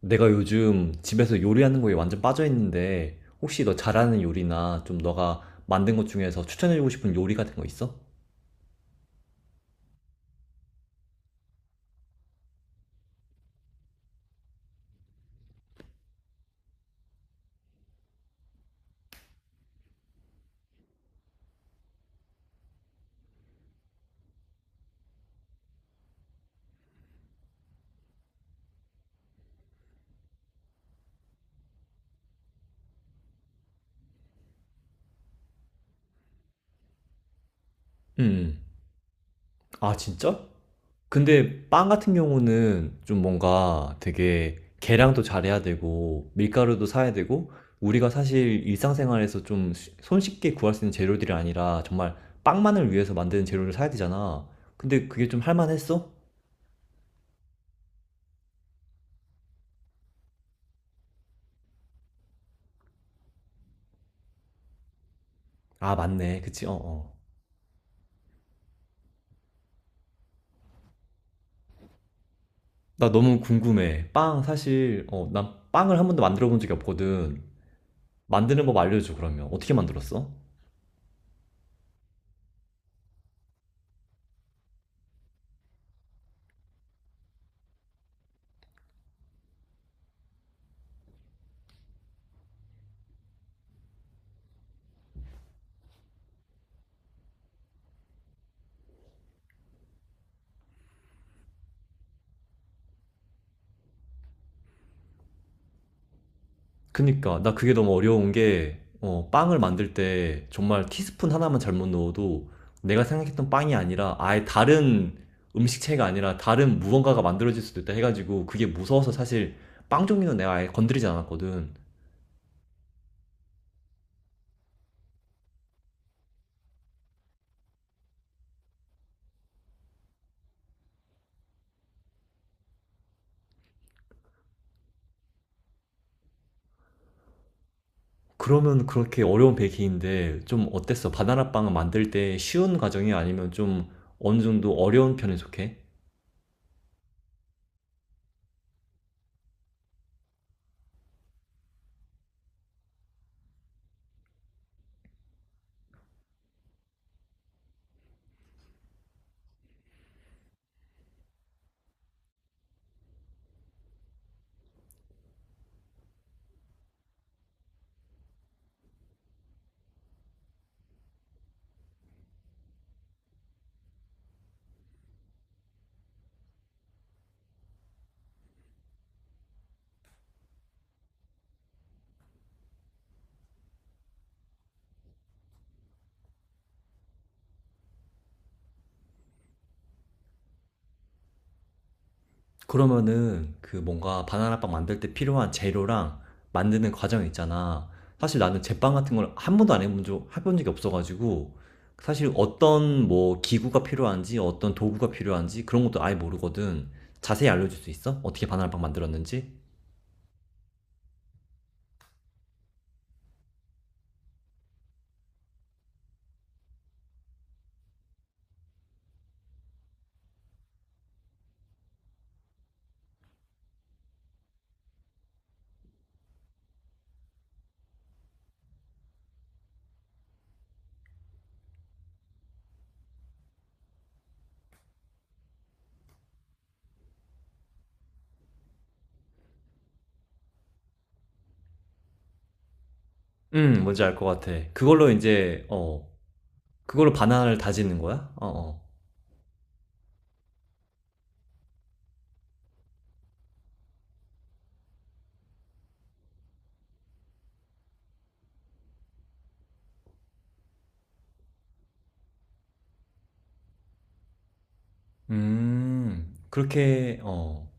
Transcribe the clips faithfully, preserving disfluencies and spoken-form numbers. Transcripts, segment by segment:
내가 요즘 집에서 요리하는 거에 완전 빠져있는데, 혹시 너 잘하는 요리나 좀 너가 만든 것 중에서 추천해주고 싶은 요리 같은 거 있어? 응. 음. 아, 진짜? 근데 빵 같은 경우는 좀 뭔가 되게 계량도 잘해야 되고, 밀가루도 사야 되고, 우리가 사실 일상생활에서 좀 수- 손쉽게 구할 수 있는 재료들이 아니라 정말 빵만을 위해서 만드는 재료를 사야 되잖아. 근데 그게 좀 할만했어? 아, 맞네. 그치? 어, 어. 나 너무 궁금해. 빵, 사실, 어, 난 빵을 한 번도 만들어 본 적이 없거든. 만드는 법 알려줘, 그러면. 어떻게 만들었어? 그니까, 나 그게 너무 어려운 게, 어, 빵을 만들 때 정말 티스푼 하나만 잘못 넣어도 내가 생각했던 빵이 아니라 아예 다른 음식체가 아니라 다른 무언가가 만들어질 수도 있다 해가지고, 그게 무서워서 사실 빵 종류는 내가 아예 건드리지 않았거든. 그러면 그렇게 어려운 베이킹인데 좀 어땠어? 바나나 빵을 만들 때 쉬운 과정이 아니면 좀 어느 정도 어려운 편에 속해? 그러면은 그 뭔가 바나나빵 만들 때 필요한 재료랑 만드는 과정 있잖아. 사실 나는 제빵 같은 걸 한 번도 안 해본 적, 해본 적이 없어가지고, 사실 어떤 뭐 기구가 필요한지 어떤 도구가 필요한지 그런 것도 아예 모르거든. 자세히 알려줄 수 있어? 어떻게 바나나빵 만들었는지? 음, 뭔지 알 것 같아. 그걸로 이제, 어, 그걸로 바나나를 다지는 거야? 어, 어. 음, 그렇게, 어.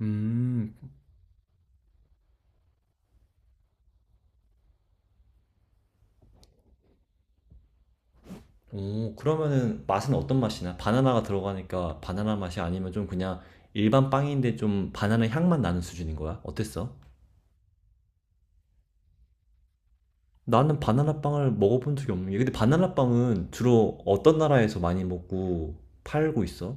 음, 오, 그러면은 맛은 어떤 맛이나? 바나나가 들어가니까 바나나 맛이 아니면 좀 그냥 일반 빵인데 좀 바나나 향만 나는 수준인 거야? 어땠어? 나는 바나나 빵을 먹어본 적이 없는 게, 근데 바나나 빵은 주로 어떤 나라에서 많이 먹고 팔고 있어?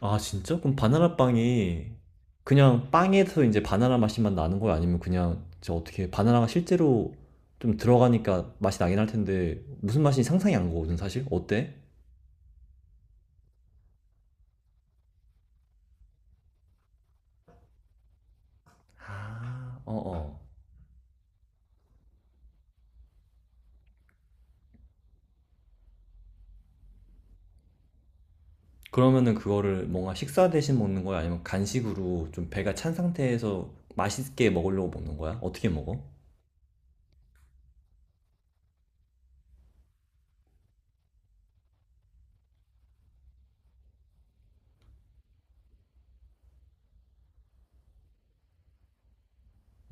아, 진짜? 그럼 바나나 빵이 그냥 빵에서 이제 바나나 맛이만 나는 거야? 아니면 그냥 저 어떻게 바나나가 실제로 좀 들어가니까 맛이 나긴 할 텐데 무슨 맛인지 상상이 안 가거든, 사실? 어때? 아, 어어. 그러면은 그거를 뭔가 식사 대신 먹는 거야? 아니면 간식으로 좀 배가 찬 상태에서 맛있게 먹으려고 먹는 거야? 어떻게 먹어?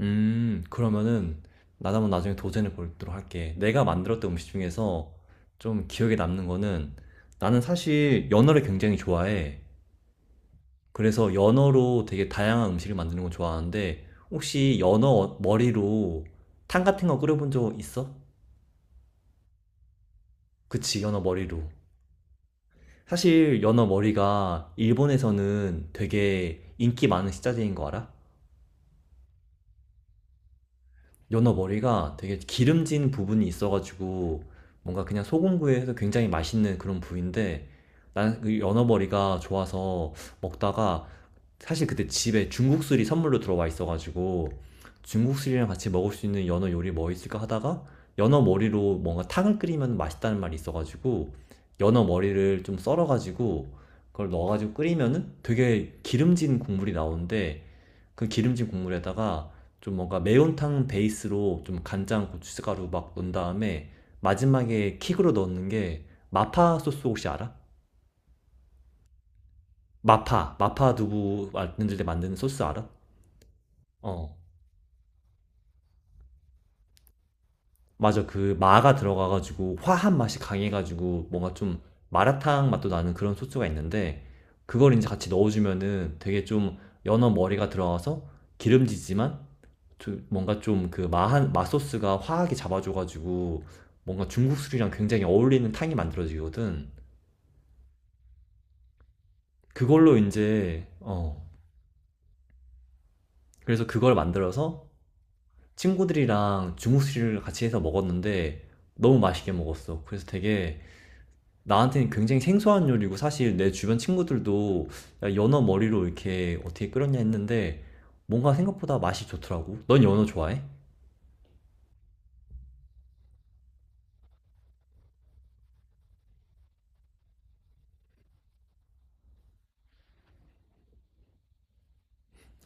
음, 그러면은 나도 한번 나중에 도전해 보도록 할게. 내가 만들었던 음식 중에서 좀 기억에 남는 거는, 나는 사실 연어를 굉장히 좋아해. 그래서 연어로 되게 다양한 음식을 만드는 거 좋아하는데, 혹시 연어 머리로 탕 같은 거 끓여본 적 있어? 그치, 연어 머리로. 사실 연어 머리가 일본에서는 되게 인기 많은 식자재인 거 알아? 연어 머리가 되게 기름진 부분이 있어가지고, 뭔가 그냥 소금구이 해서 굉장히 맛있는 그런 부위인데, 나는 그 연어 머리가 좋아서 먹다가 사실 그때 집에 중국술이 선물로 들어와 있어가지고, 중국술이랑 같이 먹을 수 있는 연어 요리 뭐 있을까 하다가, 연어 머리로 뭔가 탕을 끓이면 맛있다는 말이 있어가지고 연어 머리를 좀 썰어가지고 그걸 넣어가지고 끓이면은 되게 기름진 국물이 나오는데, 그 기름진 국물에다가 좀 뭔가 매운탕 베이스로 좀 간장, 고춧가루 막 넣은 다음에, 마지막에 킥으로 넣는 게 마파 소스, 혹시 알아? 마파, 마파 두부 만들 때 만드는 소스 알아? 어, 맞아. 그 마가 들어가가지고 화한 맛이 강해가지고 뭔가 좀 마라탕 맛도 나는 그런 소스가 있는데, 그걸 이제 같이 넣어주면은 되게 좀, 연어 머리가 들어가서 기름지지만 뭔가 좀 그 마한 마소스가 화하게 잡아줘가지고 뭔가 중국 술이랑 굉장히 어울리는 탕이 만들어지거든. 그걸로 이제 어 그래서 그걸 만들어서 친구들이랑 중국 술을 같이 해서 먹었는데, 너무 맛있게 먹었어. 그래서 되게 나한테는 굉장히 생소한 요리고, 사실 내 주변 친구들도 야, 연어 머리로 이렇게 어떻게 끓였냐 했는데, 뭔가 생각보다 맛이 좋더라고. 넌 연어 좋아해?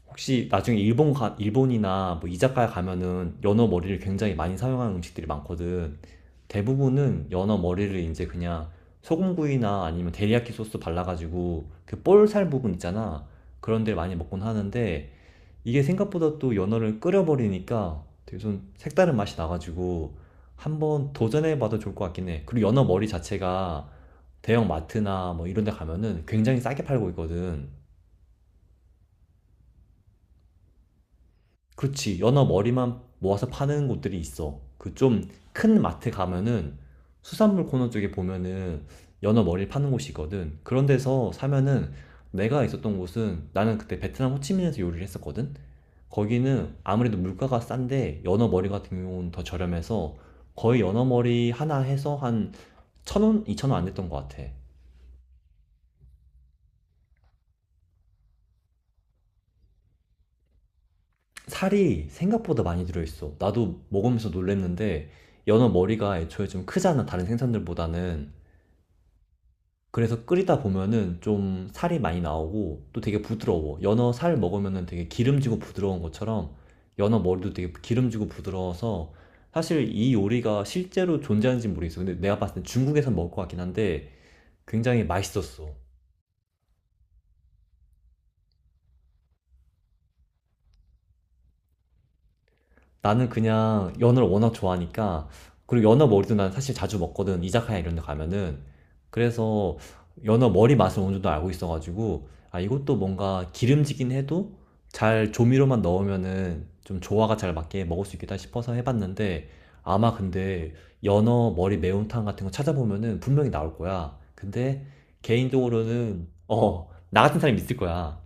혹시 나중에 일본 가, 일본이나 뭐 이자카야 가면은 연어 머리를 굉장히 많이 사용하는 음식들이 많거든. 대부분은 연어 머리를 이제 그냥 소금구이나 아니면 데리야끼 소스 발라가지고 그 볼살 부분 있잖아. 그런 데를 많이 먹곤 하는데, 이게 생각보다 또 연어를 끓여버리니까 되게 좀 색다른 맛이 나가지고 한번 도전해봐도 좋을 것 같긴 해. 그리고 연어 머리 자체가 대형 마트나 뭐 이런 데 가면은 굉장히 싸게 팔고 있거든. 그렇지. 연어 머리만 모아서 파는 곳들이 있어. 그 좀 큰 마트 가면은 수산물 코너 쪽에 보면은 연어 머리를 파는 곳이 있거든. 그런 데서 사면은, 내가 있었던 곳은, 나는 그때 베트남 호치민에서 요리를 했었거든. 거기는 아무래도 물가가 싼데 연어 머리 같은 경우는 더 저렴해서 거의 연어 머리 하나 해서 한 천 원, 이천 원 안 됐던 것 같아. 살이 생각보다 많이 들어있어. 나도 먹으면서 놀랬는데 연어 머리가 애초에 좀 크잖아. 다른 생선들보다는. 그래서 끓이다 보면은 좀 살이 많이 나오고 또 되게 부드러워. 연어 살 먹으면은 되게 기름지고 부드러운 것처럼 연어 머리도 되게 기름지고 부드러워서 사실 이 요리가 실제로 존재하는지 는 모르겠어. 근데 내가 봤을 때 중국에서 먹을 것 같긴 한데 굉장히 맛있었어. 나는 그냥 연어를 워낙 좋아하니까, 그리고 연어 머리도 난 사실 자주 먹거든, 이자카야 이런 데 가면은. 그래서 연어 머리 맛을 어느 정도 알고 있어가지고, 아 이것도 뭔가 기름지긴 해도 잘 조미료만 넣으면은 좀 조화가 잘 맞게 먹을 수 있겠다 싶어서 해봤는데, 아마 근데 연어 머리 매운탕 같은 거 찾아보면은 분명히 나올 거야. 근데 개인적으로는 어 나 같은 사람이 있을 거야.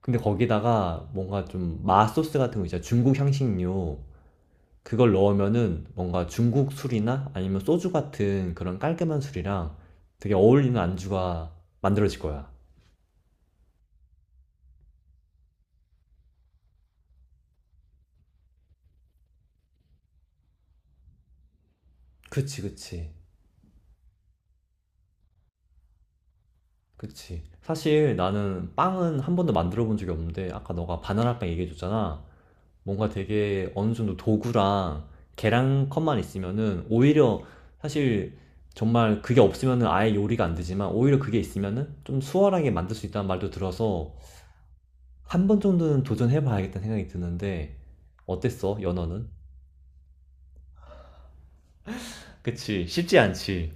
근데 거기다가 뭔가 좀 맛소스 같은 거 있잖아. 중국 향신료. 그걸 넣으면은 뭔가 중국 술이나 아니면 소주 같은 그런 깔끔한 술이랑 되게 어울리는 안주가 만들어질 거야. 그치, 그치, 그치. 사실 나는 빵은 한 번도 만들어 본 적이 없는데 아까 너가 바나나 빵 얘기해 줬잖아. 뭔가 되게 어느 정도 도구랑 계량컵만 있으면은 오히려, 사실 정말 그게 없으면은 아예 요리가 안 되지만 오히려 그게 있으면은 좀 수월하게 만들 수 있다는 말도 들어서 한 번 정도는 도전해 봐야겠다는 생각이 드는데. 어땠어? 연어는? 그치. 쉽지 않지.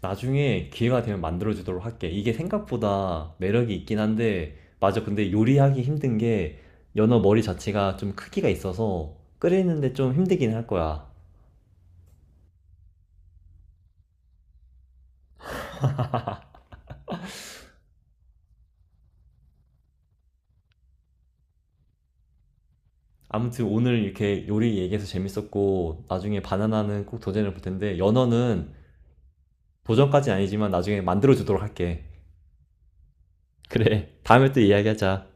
나중에 기회가 되면 만들어 주도록 할게. 이게 생각보다 매력이 있긴 한데, 맞아, 근데 요리하기 힘든 게 연어 머리 자체가 좀 크기가 있어서 끓이는데 좀 힘들긴 할 거야. 아무튼 오늘 이렇게 요리 얘기해서 재밌었고, 나중에 바나나는 꼭 도전해 볼 텐데 연어는 도전까지는 아니지만 나중에 만들어 주도록 할게. 그래. 다음에 또 이야기하자.